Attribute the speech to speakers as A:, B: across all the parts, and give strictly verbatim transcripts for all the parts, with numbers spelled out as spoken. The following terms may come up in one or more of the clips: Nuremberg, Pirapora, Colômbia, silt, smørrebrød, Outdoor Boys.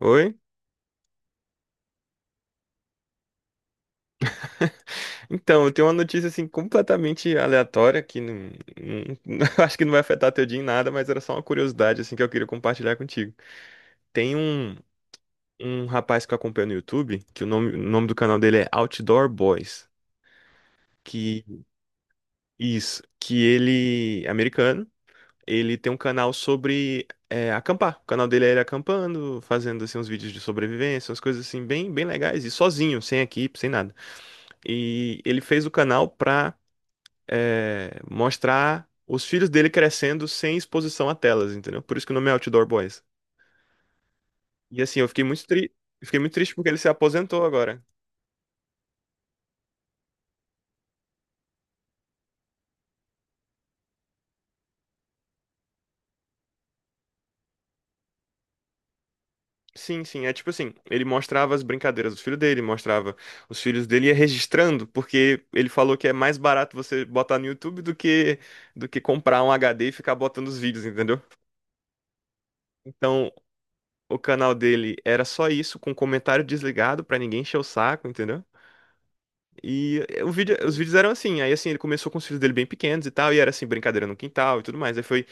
A: Oi? Então, eu tenho uma notícia assim completamente aleatória que não, não- acho que não vai afetar teu dia em nada, mas era só uma curiosidade assim que eu queria compartilhar contigo. Tem um, um rapaz que eu acompanho no YouTube, que o nome, o nome do canal dele é Outdoor Boys, que isso, que ele é americano, ele tem um canal sobre é, acampar. O canal dele é ele acampando, fazendo assim uns vídeos de sobrevivência, umas coisas assim bem bem legais e sozinho, sem equipe, sem nada. E ele fez o canal pra é, mostrar os filhos dele crescendo sem exposição a telas, entendeu? Por isso que o nome é Outdoor Boys. E assim, eu fiquei muito tri... eu fiquei muito triste porque ele se aposentou agora. Sim, sim, é tipo assim, ele mostrava as brincadeiras dos filhos dele, mostrava os filhos dele e ia registrando, porque ele falou que é mais barato você botar no YouTube do que do que comprar um H D e ficar botando os vídeos, entendeu? Então, o canal dele era só isso, com comentário desligado pra ninguém encher o saco, entendeu? E eh, o vídeo, os vídeos eram assim, aí assim, ele começou com os filhos dele bem pequenos e tal, e era assim, brincadeira no quintal e tudo mais. Aí foi,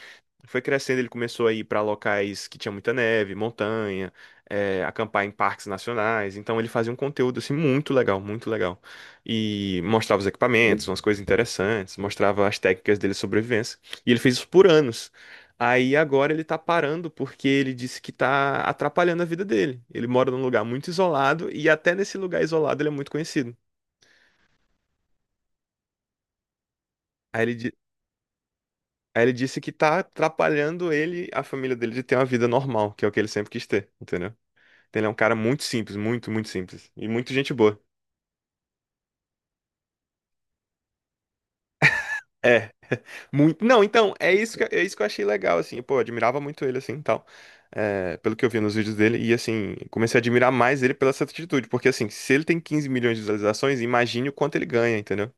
A: foi crescendo, ele começou a ir pra locais que tinha muita neve, montanha, é, acampar em parques nacionais. Então ele fazia um conteúdo assim muito legal, muito legal. E mostrava os equipamentos, umas coisas interessantes, mostrava as técnicas dele de sobrevivência. E ele fez isso por anos. Aí agora ele tá parando porque ele disse que tá atrapalhando a vida dele. Ele mora num lugar muito isolado e até nesse lugar isolado ele é muito conhecido. Aí ele, di- Aí ele disse que tá atrapalhando ele, a família dele, de ter uma vida normal, que é o que ele sempre quis ter, entendeu? Então ele é um cara muito simples, muito, muito simples. E muito gente boa. É, muito. Não, então, é isso que, é isso que eu achei legal, assim. Pô, eu admirava muito ele, assim, e tal. É, pelo que eu vi nos vídeos dele. E, assim, comecei a admirar mais ele pela essa atitude. Porque, assim, se ele tem quinze milhões de visualizações, imagine o quanto ele ganha, entendeu?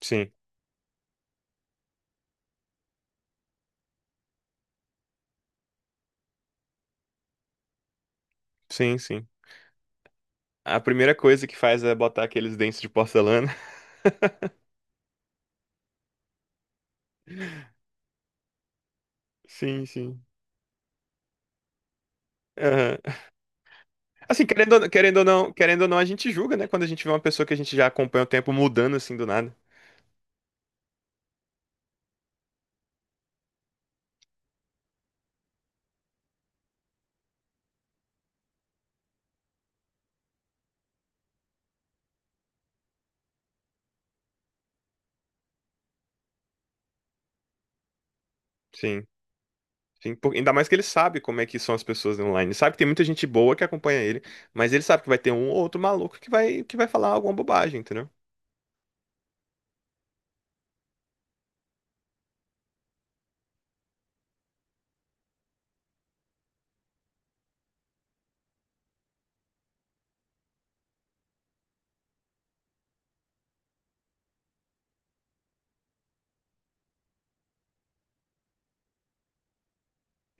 A: Sim, sim, sim. A primeira coisa que faz é botar aqueles dentes de porcelana. Sim, sim. Assim, querendo, querendo ou não, querendo ou não, a gente julga, né? Quando a gente vê uma pessoa que a gente já acompanha o tempo mudando assim do nada. Sim. Sim, por- ainda mais que ele sabe como é que são as pessoas online. Ele sabe que tem muita gente boa que acompanha ele, mas ele sabe que vai ter um ou outro maluco que vai, que vai falar alguma bobagem, entendeu?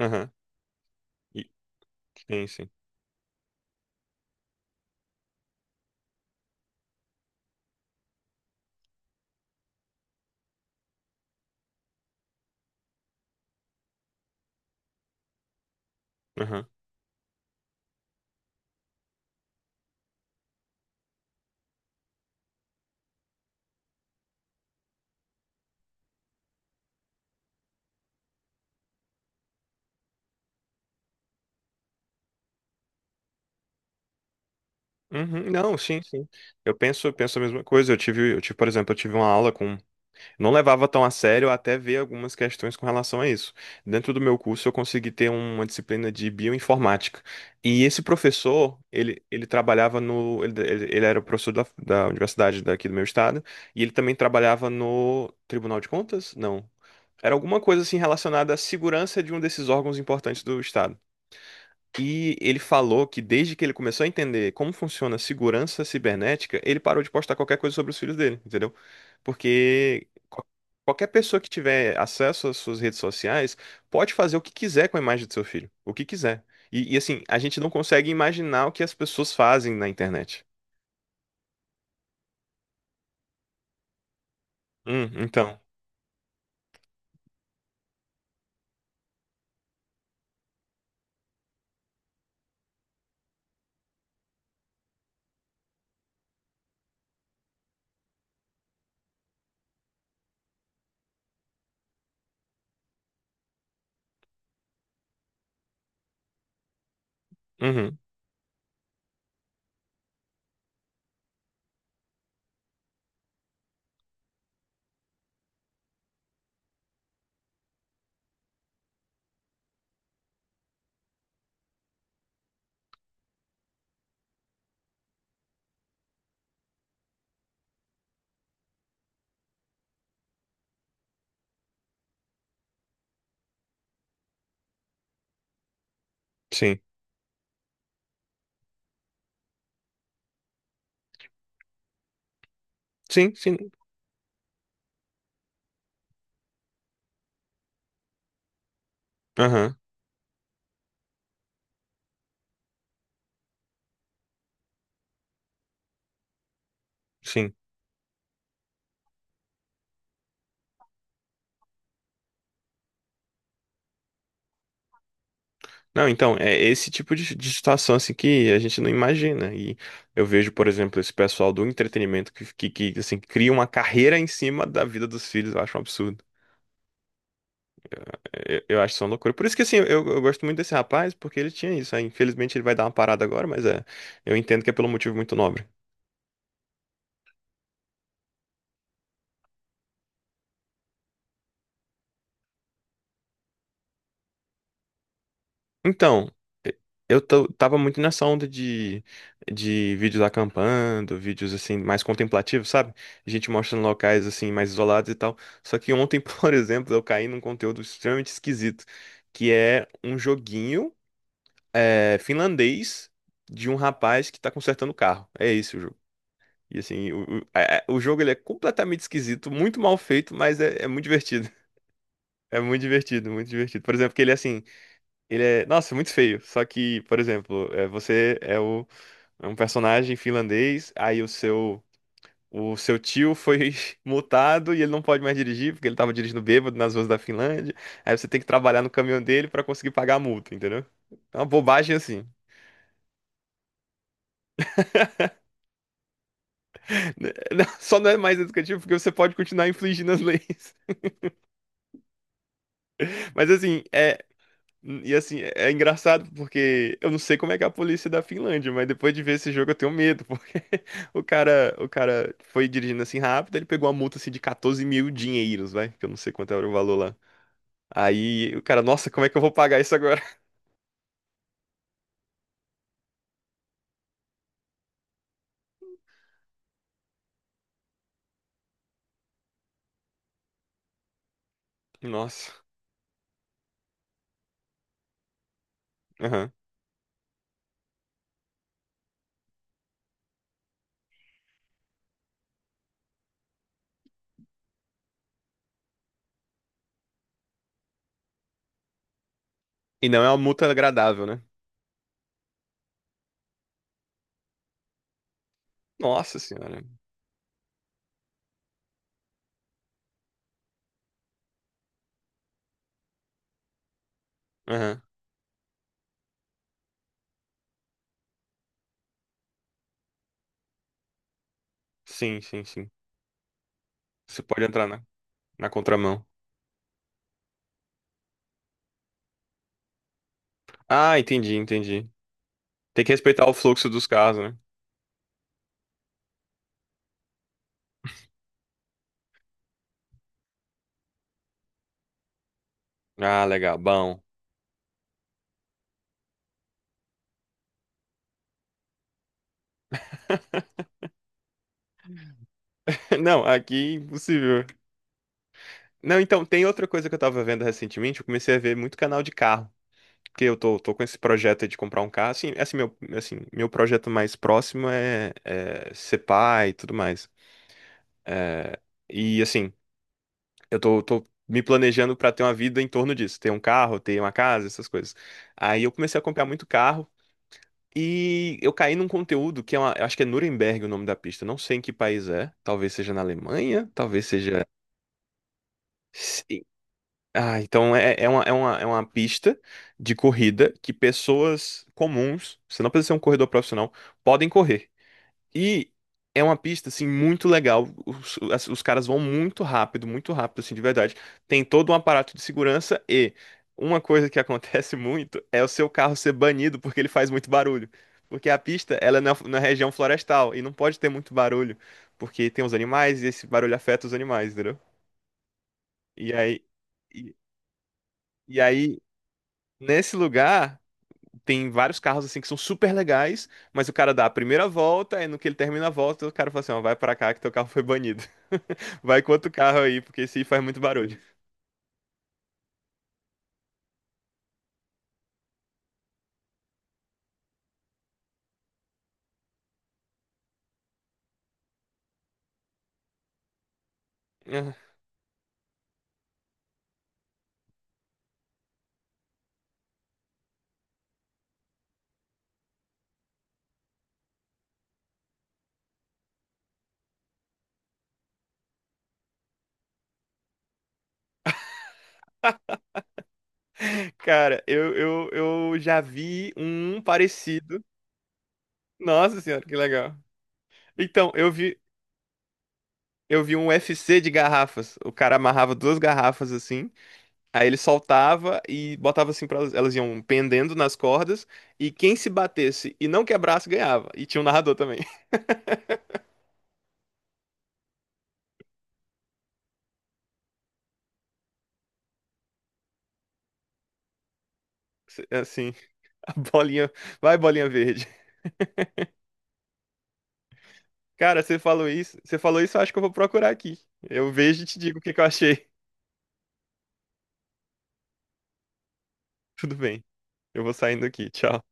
A: Aham. E- Sim, sim. Aham. Uhum. Não, sim, sim. Eu penso, penso a mesma coisa. Eu tive, eu tive, por exemplo, eu tive uma aula com não levava tão a sério até ver algumas questões com relação a isso. Dentro do meu curso, eu consegui ter uma disciplina de bioinformática. E esse professor, ele, ele trabalhava no. Ele, ele ele era professor da, da universidade daqui do meu estado, e ele também trabalhava no Tribunal de Contas? Não. Era alguma coisa assim relacionada à segurança de um desses órgãos importantes do estado. E ele falou que desde que ele começou a entender como funciona a segurança cibernética, ele parou de postar qualquer coisa sobre os filhos dele, entendeu? Porque qual- qualquer pessoa que tiver acesso às suas redes sociais pode fazer o que quiser com a imagem do seu filho, o que quiser. E, e, assim, a gente não consegue imaginar o que as pessoas fazem na internet. Hum, então. Uhum, sim. Sim, sim. Aham, sim. Não, então, é esse tipo de, de situação assim que a gente não imagina. E eu vejo, por exemplo, esse pessoal do entretenimento que, que, que, assim, cria uma carreira em cima da vida dos filhos. Eu acho um absurdo. É, Eu, eu acho isso uma loucura. Por isso que assim, eu, eu gosto muito desse rapaz, porque ele tinha isso. Aí, infelizmente ele vai dar uma parada agora, mas é, eu entendo que é pelo motivo muito nobre. Então, e- eu tô- tava muito nessa onda de, de vídeos acampando, vídeos assim, mais contemplativos, sabe? A gente mostrando locais assim, mais isolados e tal. Só que ontem, por exemplo, eu caí num conteúdo extremamente esquisito, que é um joguinho eh, finlandês de um rapaz que tá consertando o carro. É esse o jogo. E assim, o, o, a- a- o jogo ele é completamente esquisito, muito mal feito, mas é é muito divertido. É muito divertido, muito divertido. Por exemplo, que ele assim. Ele é, nossa, muito feio. Só que, por exemplo, é, você é, o, é um personagem finlandês, aí o seu, o seu tio foi multado e ele não pode mais dirigir, porque ele tava dirigindo bêbado nas ruas da Finlândia. Aí você tem que trabalhar no caminhão dele pra conseguir pagar a multa, entendeu? É uma bobagem assim. Só não é mais educativo porque você pode continuar infligindo as leis. Mas assim, é, hum, e assim, é é engraçado porque eu não sei como é que é a polícia da Finlândia, mas depois de ver esse jogo eu tenho medo, porque o cara, o cara foi dirigindo assim rápido, ele pegou uma multa assim de catorze mil dinheiros, vai, que eu não sei quanto era o valor lá. Aí o cara, nossa, como é que eu vou pagar isso agora? Nossa. Aham. E não é uma multa agradável, né? Nossa senhora. Aham. Sim, sim, sim. Você pode entrar na, na contramão. Ah, entendi, entendi. Tem que respeitar o fluxo dos carros, né? Ah, legal, bom. Não, aqui é impossível. Não, então, tem outra coisa que eu tava vendo recentemente, eu comecei a ver muito canal de carro, porque eu tô, tô com esse projeto de comprar um carro, assim, assim, meu, assim, meu projeto mais próximo é, é ser pai e tudo mais. E, assim, eu tô, tô me planejando pra ter uma vida em torno disso, ter um carro, ter uma casa, essas coisas. Aí eu comecei a comprar muito carro, e eu caí num conteúdo que é uma, eu acho que é Nuremberg o nome da pista, eu não sei em que país é, talvez seja na Alemanha, talvez seja... Ah, então é, é uma, é uma, é uma pista de corrida que pessoas comuns, você não precisa ser um corredor profissional, podem correr. E é uma pista, assim, muito legal. Os, as- os caras vão muito rápido, muito rápido, assim, de verdade. Tem todo um aparato de segurança e uma coisa que acontece muito é o seu carro ser banido porque ele faz muito barulho. Porque a pista, ela é na, na região florestal e não pode ter muito barulho, porque tem os animais e esse barulho afeta os animais, entendeu? E aí... E, e aí nesse lugar, tem vários carros assim que são super legais, mas o cara dá a primeira volta, e no que ele termina a volta, o cara fala assim, ó, vai pra cá que teu carro foi banido. Vai com outro carro aí, porque esse aí faz muito barulho. Cara, eu, eu, eu já vi um parecido. Nossa senhora, que legal. Então, eu vi, eu vi um U F C de garrafas. O cara amarrava duas garrafas assim, aí ele soltava e botava assim para elas, elas iam pendendo nas cordas, e quem se batesse e não quebrasse ganhava. E tinha um narrador também. Assim, a bolinha. Vai, bolinha verde. Cara, você falou isso. Você falou isso, eu acho que eu vou procurar aqui. Eu vejo e te digo o que que eu achei. Tudo bem. Eu vou saindo aqui. Tchau.